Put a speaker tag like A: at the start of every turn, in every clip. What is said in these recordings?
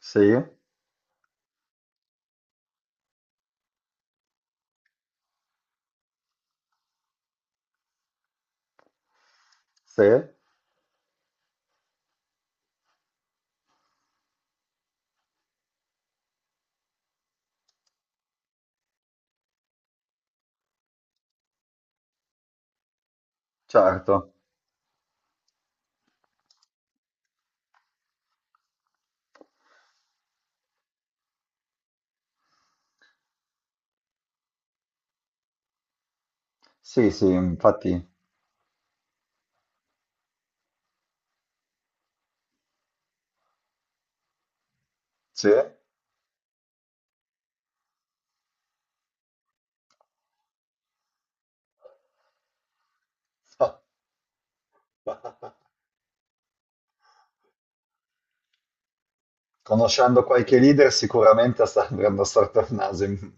A: Sì, sì, certo. Sì, sì, infatti, sì. Conoscendo qualche leader sicuramente sta andando a storto il naso.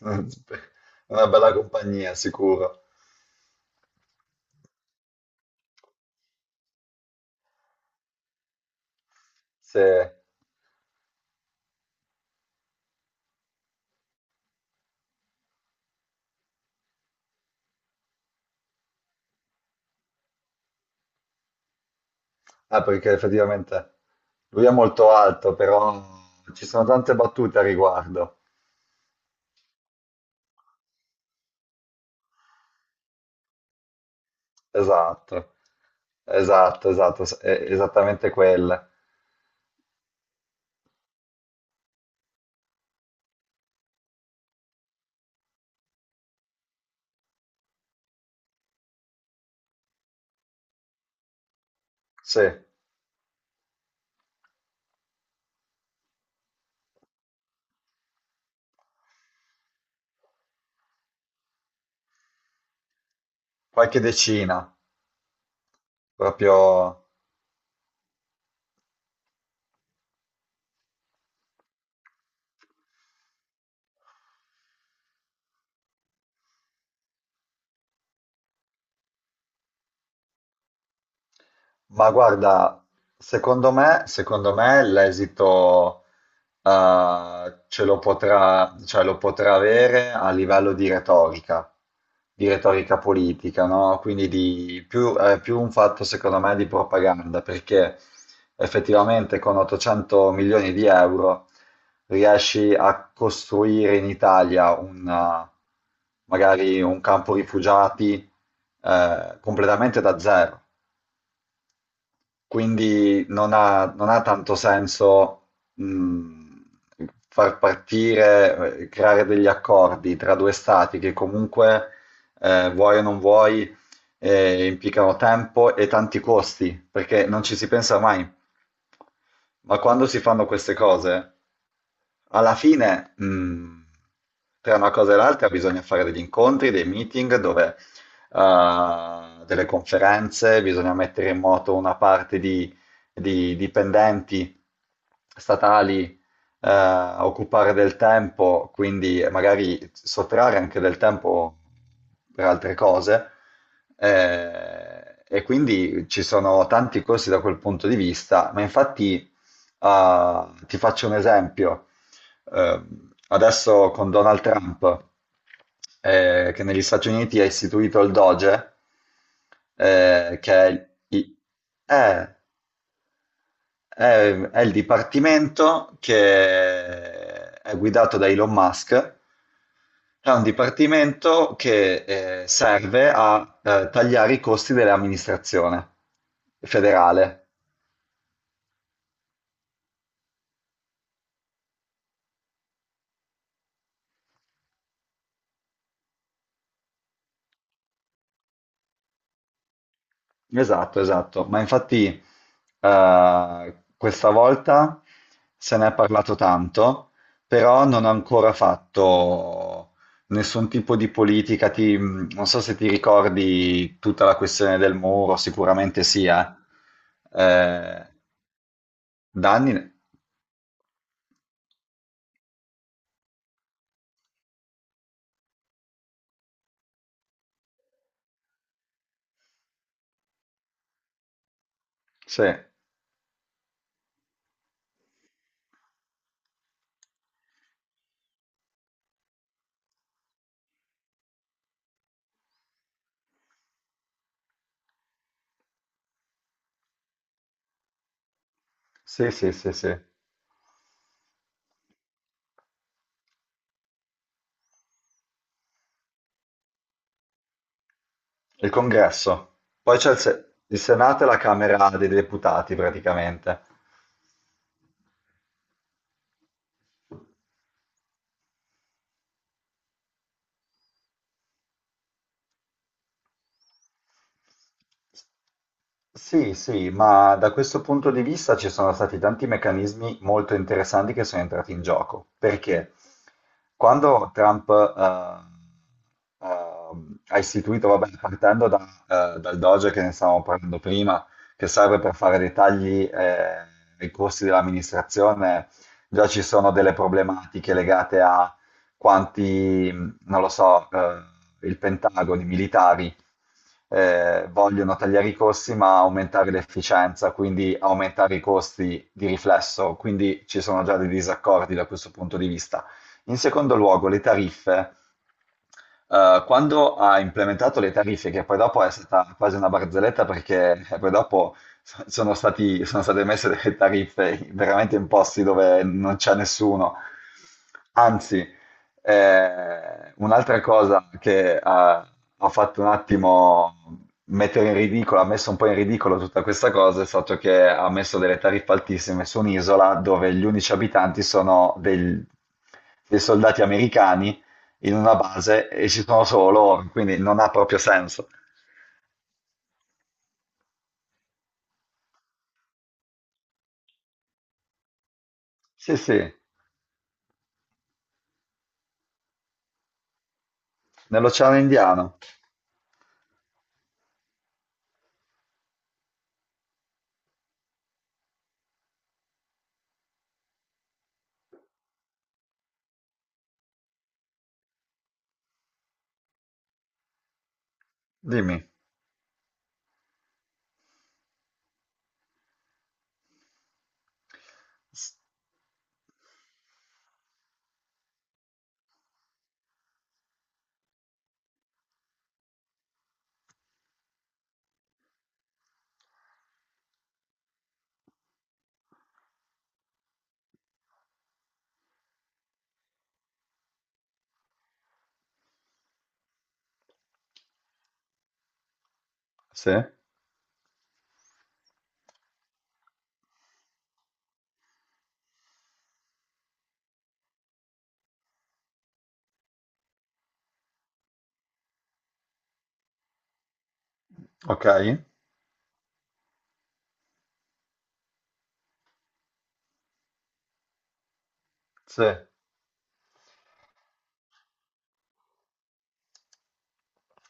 A: Una bella compagnia, sicuro. Se... Ah, perché effettivamente lui è molto alto, però ci sono tante battute a riguardo. Esatto, esatto, esatto, è esattamente quelle. Sì, qualche decina, proprio... Ma guarda, secondo me l'esito ce lo potrà, cioè lo potrà avere a livello di retorica politica, no? Quindi di più, è più un fatto, secondo me, di propaganda, perché effettivamente con 800 milioni di euro riesci a costruire in Italia un, magari un campo rifugiati completamente da zero. Quindi non ha tanto senso mh, far partire, creare degli accordi tra due stati che comunque, vuoi o non vuoi, implicano tempo e tanti costi, perché non ci si pensa mai. Ma quando si fanno queste cose, alla fine, tra una cosa e l'altra bisogna fare degli incontri, dei meeting, dove, delle conferenze, bisogna mettere in moto una parte di dipendenti statali, eh, occupare del tempo, quindi magari sottrarre anche del tempo per altre cose. E quindi ci sono tanti corsi da quel punto di vista, ma infatti ti faccio un esempio. Eh, adesso con Donald Trump, che negli Stati Uniti ha istituito il Doge, che è eh, è, è il dipartimento che è guidato da Elon Musk. È un dipartimento che serve a tagliare i costi dell'amministrazione federale. Esatto, esatto, ma infatti questa volta se ne è parlato tanto, però non ha ancora fatto nessun tipo di politica, non so se ti ricordi tutta la questione del muro, sicuramente sì, eh. Eh, da anni... Sì, sì, sì, sì, sì. Il congresso. Poi c'è il, Se- il Senato e la Camera dei Deputati praticamente. Sì, sì, ma da questo punto di vista ci sono stati tanti meccanismi molto interessanti che sono entrati in gioco, perché quando Trump ha istituito, vabbè, partendo da, dal Doge che ne stavamo parlando prima, che serve per fare dei tagli ai costi dell'amministrazione, già ci sono delle problematiche legate a quanti, non lo so, il Pentagono, i militari vogliono tagliare i costi ma aumentare l'efficienza, quindi aumentare i costi di riflesso, quindi ci sono già dei disaccordi da questo punto di vista. In secondo luogo, le tariffe quando ha implementato le tariffe, che poi dopo è stata quasi una barzelletta perché poi dopo sono state messe delle tariffe veramente in posti dove non c'è nessuno. Anzi, un'altra cosa che ha fatto un attimo mettere in ridicolo, ha messo un po' in ridicolo tutta questa cosa, è stato che ha messo delle tariffe altissime su un'isola dove gli unici abitanti sono dei soldati americani in una base e ci sono solo loro, quindi non ha proprio senso. Sì, sì, nell'Oceano Indiano. Dimmi. S- Sì? Ok? Sì.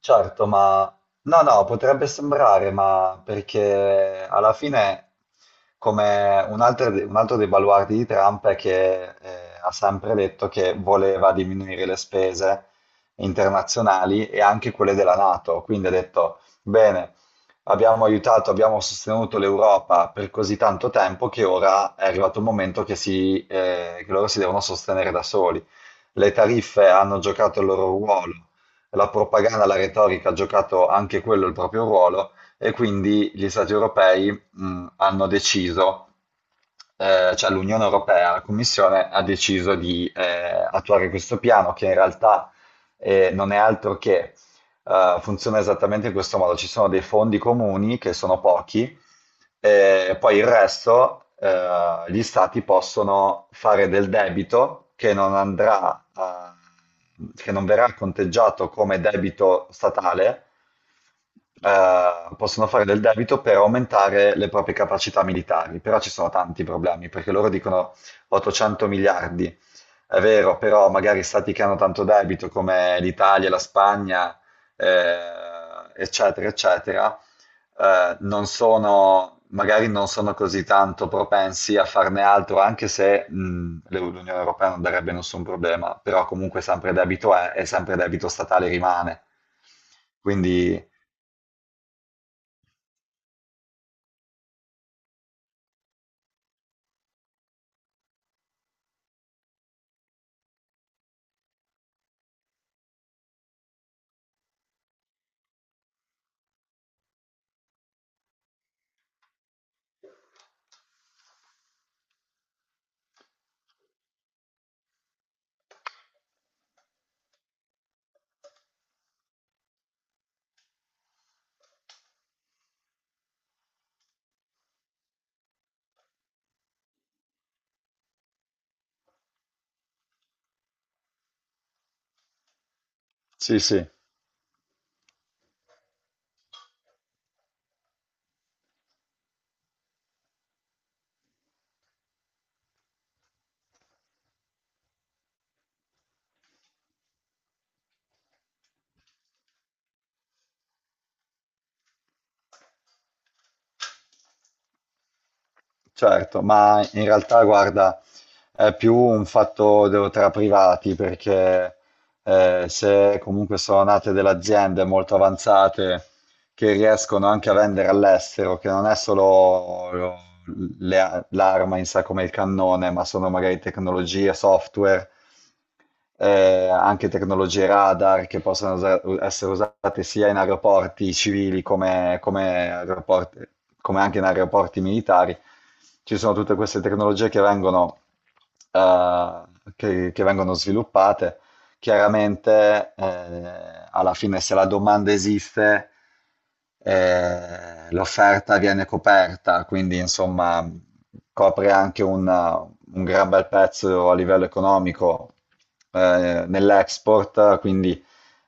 A: Certo, ma no, no, potrebbe sembrare, ma perché alla fine, come un altro, un altro dei baluardi di Trump è che ha sempre detto che voleva diminuire le spese internazionali e anche quelle della NATO, quindi ha detto, bene, abbiamo aiutato, abbiamo sostenuto l'Europa per così tanto tempo che ora è arrivato il momento che, si, che loro si devono sostenere da soli. Le tariffe hanno giocato il loro ruolo, la propaganda, la retorica ha giocato anche quello il proprio ruolo, e quindi gli stati europei hanno deciso, cioè l'Unione Europea, la Commissione ha deciso di attuare questo piano che in realtà non è altro che funziona esattamente in questo modo. Ci sono dei fondi comuni che sono pochi e poi il resto, gli stati possono fare del debito che non andrà a- che non verrà conteggiato come debito statale, possono fare del debito per aumentare le proprie capacità militari. Però ci sono tanti problemi, perché loro dicono 800 miliardi. È vero, però magari stati che hanno tanto debito come l'Italia, la Spagna, eh, eccetera, eccetera, non sono, magari non sono così tanto propensi a farne altro, anche se l'Unione Europea non darebbe nessun problema, però comunque sempre debito è e sempre debito statale rimane. Quindi sì, sì. Certo, ma in realtà guarda, è più un fatto tra privati perché se comunque sono nate delle aziende molto avanzate che riescono anche a vendere all'estero, che non è solo l'arma in sé come il cannone, ma sono magari tecnologie, software, anche tecnologie radar che possono essere usate sia in aeroporti civili come, come anche in aeroporti militari. Ci sono tutte queste tecnologie eh, che vengono sviluppate. Chiaramente, alla fine, se la domanda esiste, l'offerta viene coperta, quindi insomma copre anche un gran bel pezzo a livello economico nell'export, quindi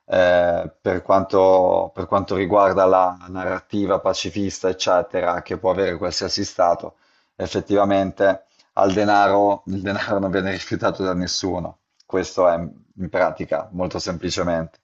A: per quanto riguarda la narrativa pacifista, eccetera, che può avere qualsiasi Stato, effettivamente al denaro, il denaro non viene rifiutato da nessuno. Questo è in pratica, molto semplicemente.